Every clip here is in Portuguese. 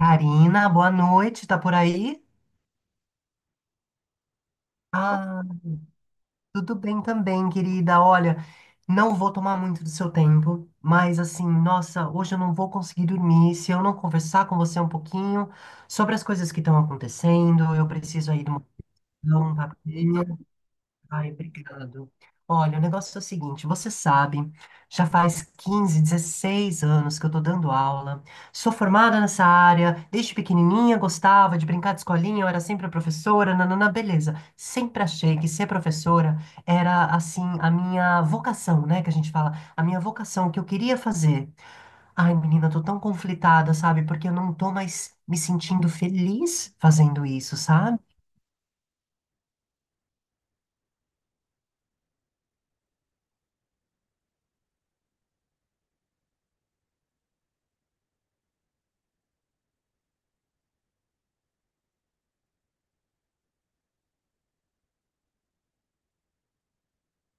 Karina, boa noite, tá por aí? Ah, tudo bem também, querida. Olha, não vou tomar muito do seu tempo, mas assim, nossa, hoje eu não vou conseguir dormir se eu não conversar com você um pouquinho sobre as coisas que estão acontecendo. Eu preciso aí de uma, de um papel. Ai, obrigado. Olha, o negócio é o seguinte, você sabe, já faz 15, 16 anos que eu tô dando aula. Sou formada nessa área, desde pequenininha gostava de brincar de escolinha, eu era sempre a professora, nanana, beleza. Sempre achei que ser professora era assim a minha vocação, né, que a gente fala, a minha vocação, o que eu queria fazer. Ai, menina, eu tô tão conflitada, sabe? Porque eu não tô mais me sentindo feliz fazendo isso, sabe?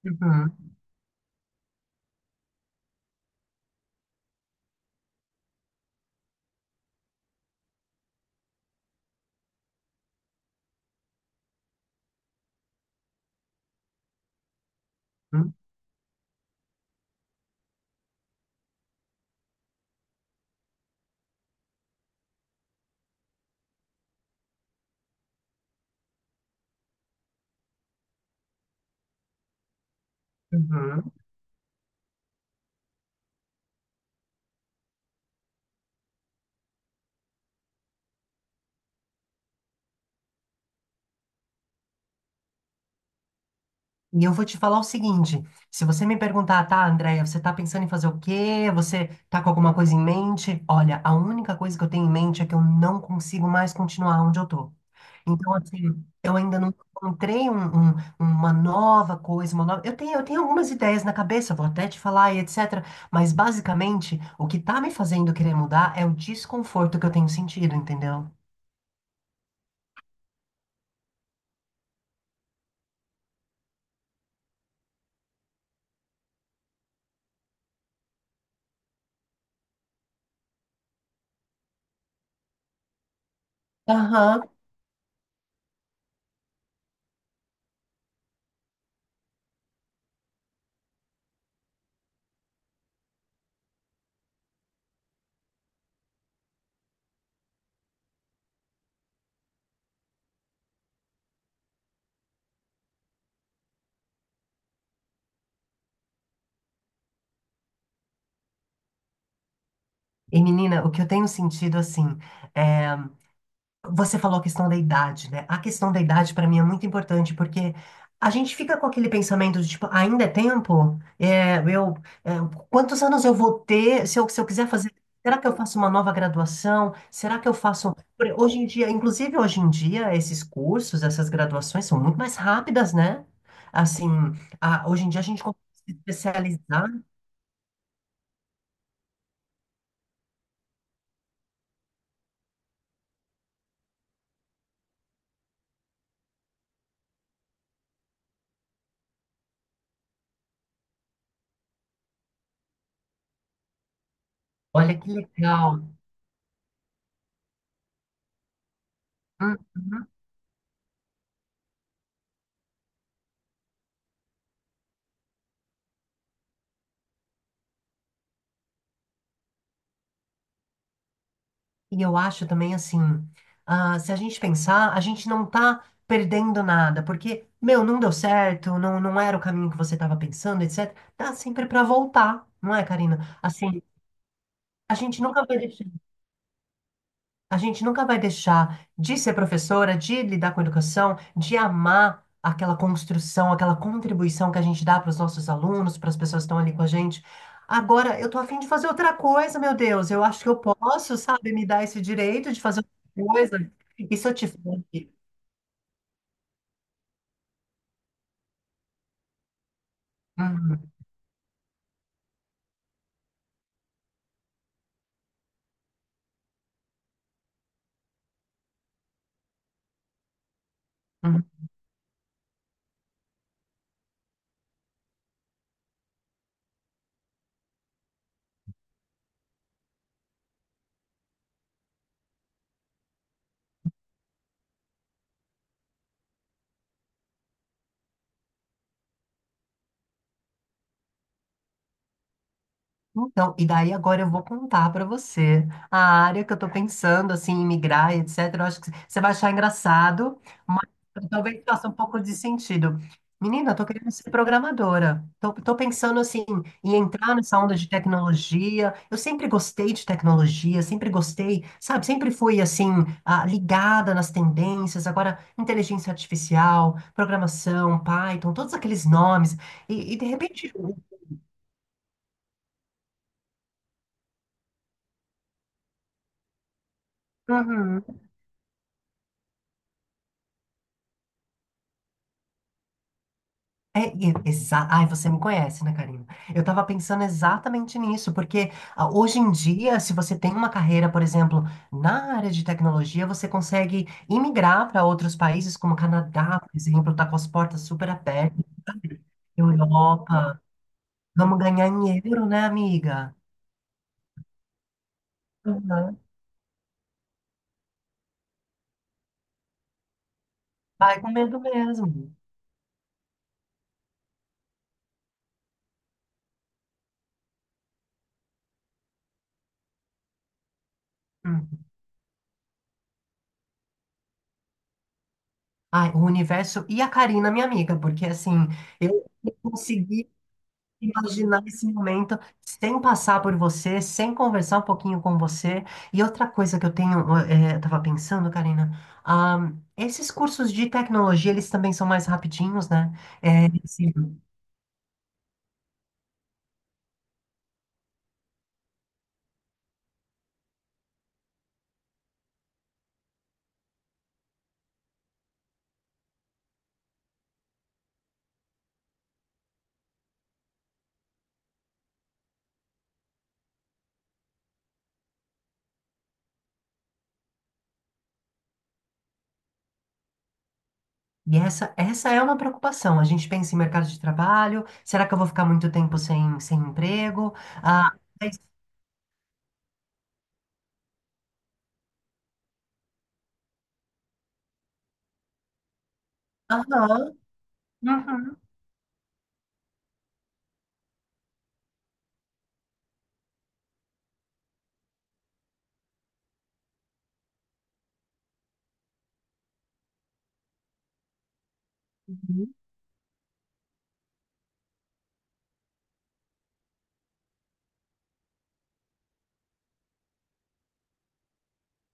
Uhum, uhum, uhum. E eu vou te falar o seguinte: se você me perguntar, tá, Andréia, você tá pensando em fazer o quê? Você tá com alguma coisa em mente? Olha, a única coisa que eu tenho em mente é que eu não consigo mais continuar onde eu tô. Então, assim, eu ainda não encontrei um- um- uma nova coisa, uma nova. Eu tenho algumas ideias na cabeça, vou até te falar e etc. Mas, basicamente, o que tá me fazendo querer mudar é o desconforto que eu tenho sentido, entendeu? Aham. E menina, o que eu tenho sentido assim, é você falou a questão da idade, né? A questão da idade para mim é muito importante porque a gente fica com aquele pensamento de tipo, ainda é tempo? É, quantos anos eu vou ter? Se eu quiser fazer, será que eu faço uma nova graduação? Será que eu faço. Hoje em dia, inclusive hoje em dia, esses cursos, essas graduações são muito mais rápidas, né? Assim, hoje em dia a gente consegue se especializar. Olha que legal. Uhum. E eu acho também assim, ah, se a gente pensar, a gente não tá perdendo nada, porque, meu, não deu certo, não, não era o caminho que você estava pensando, etc. Dá sempre pra voltar, não é, Karina? Assim, a gente nunca vai a gente nunca vai deixar de ser professora, de lidar com educação, de amar aquela construção, aquela contribuição que a gente dá para os nossos alunos, para as pessoas que estão ali com a gente. Agora, eu tô afim de fazer outra coisa, meu Deus. Eu acho que eu posso, sabe, me dar esse direito de fazer outra coisa. E se eu tiver. Uhum, uhum. Então, e daí agora eu vou contar pra você a área que eu tô pensando, assim, em migrar, etc. Eu acho que você vai achar engraçado, mas talvez faça um pouco de sentido. Menina, eu tô querendo ser programadora. Tô pensando, assim, em entrar nessa onda de tecnologia. Eu sempre gostei de tecnologia, sempre gostei, sabe? Sempre fui, assim, ah, ligada nas tendências. Agora, inteligência artificial, programação, Python, todos aqueles nomes. E de repente... Uhum. Ai, você me conhece, né, Karina? Eu tava pensando exatamente nisso, porque ah, hoje em dia, se você tem uma carreira, por exemplo, na área de tecnologia, você consegue imigrar para outros países, como o Canadá, por exemplo, tá com as portas super abertas, Europa. Vamos ganhar em euro, né, amiga? Uhum. Vai com medo mesmo. Hum. Ai, o universo e a Karina, minha amiga, porque assim, eu consegui imaginar esse momento sem passar por você, sem conversar um pouquinho com você. E outra coisa que eu tenho, eu tava pensando, Karina, ah, esses cursos de tecnologia, eles também são mais rapidinhos, né? Eh, assim, e essa é uma preocupação. A gente pensa em mercado de trabalho, será que eu vou ficar muito tempo sem emprego? Ah, mas- Aham, uhum.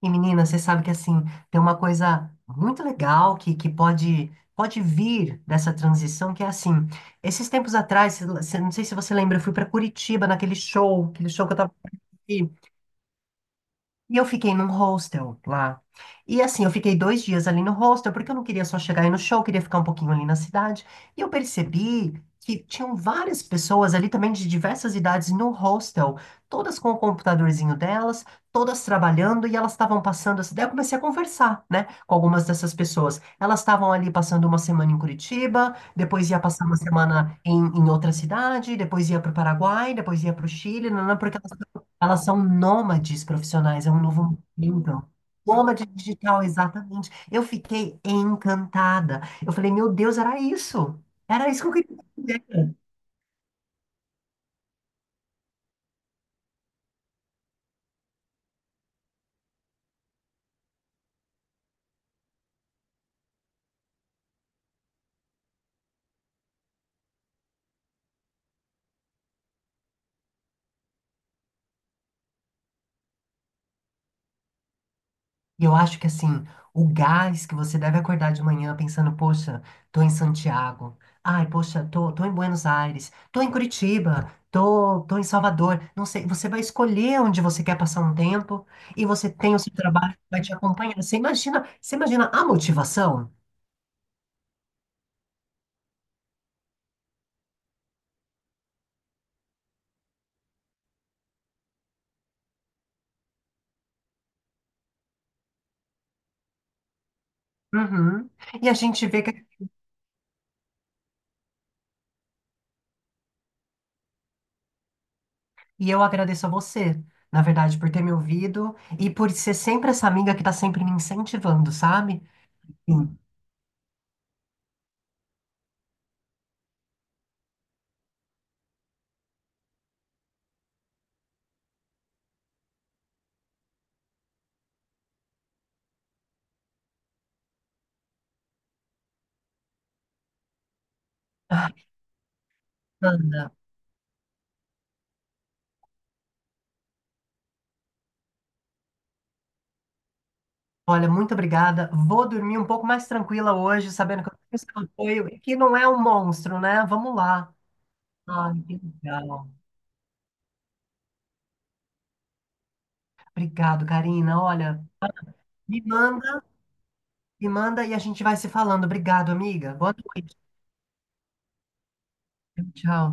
E menina, você sabe que assim, tem uma coisa muito legal que pode, pode vir dessa transição, que é assim, esses tempos atrás, não sei se você lembra, eu fui para Curitiba naquele show, aquele show que eu tava e eu fiquei num hostel lá. E assim, eu fiquei dois dias ali no hostel, porque eu não queria só chegar aí no show, eu queria ficar um pouquinho ali na cidade. E eu percebi que tinham várias pessoas ali também de diversas idades no hostel, todas com o computadorzinho delas, todas trabalhando, e elas estavam passando essa. Daí eu comecei a conversar, né, com algumas dessas pessoas. Elas estavam ali passando uma semana em Curitiba, depois ia passar uma semana em, em outra cidade, depois ia para o Paraguai, depois ia para o Chile, não, porque elas são nômades profissionais, é um novo mundo. Nômade digital, exatamente. Eu fiquei encantada. Eu falei, meu Deus, era isso. Era isso que eu queria fazer. E eu acho que, assim, o gás que você deve acordar de manhã pensando, poxa, tô em Santiago. Ai, poxa, tô em Buenos Aires. Tô em Curitiba. Tô em Salvador. Não sei, você vai escolher onde você quer passar um tempo e você tem o seu trabalho que vai te acompanhar. Você imagina a motivação? Uhum. E a gente vê que. E eu agradeço a você, na verdade, por ter me ouvido e por ser sempre essa amiga que tá sempre me incentivando, sabe? Sim. Ah, Ana, olha, muito obrigada. Vou dormir um pouco mais tranquila hoje, sabendo que eu tenho seu apoio e que não é um monstro, né? Vamos lá. Ai, que legal. Obrigado, Karina. Olha, me manda, me manda e a gente vai se falando. Obrigado, amiga. Boa noite. Tchau.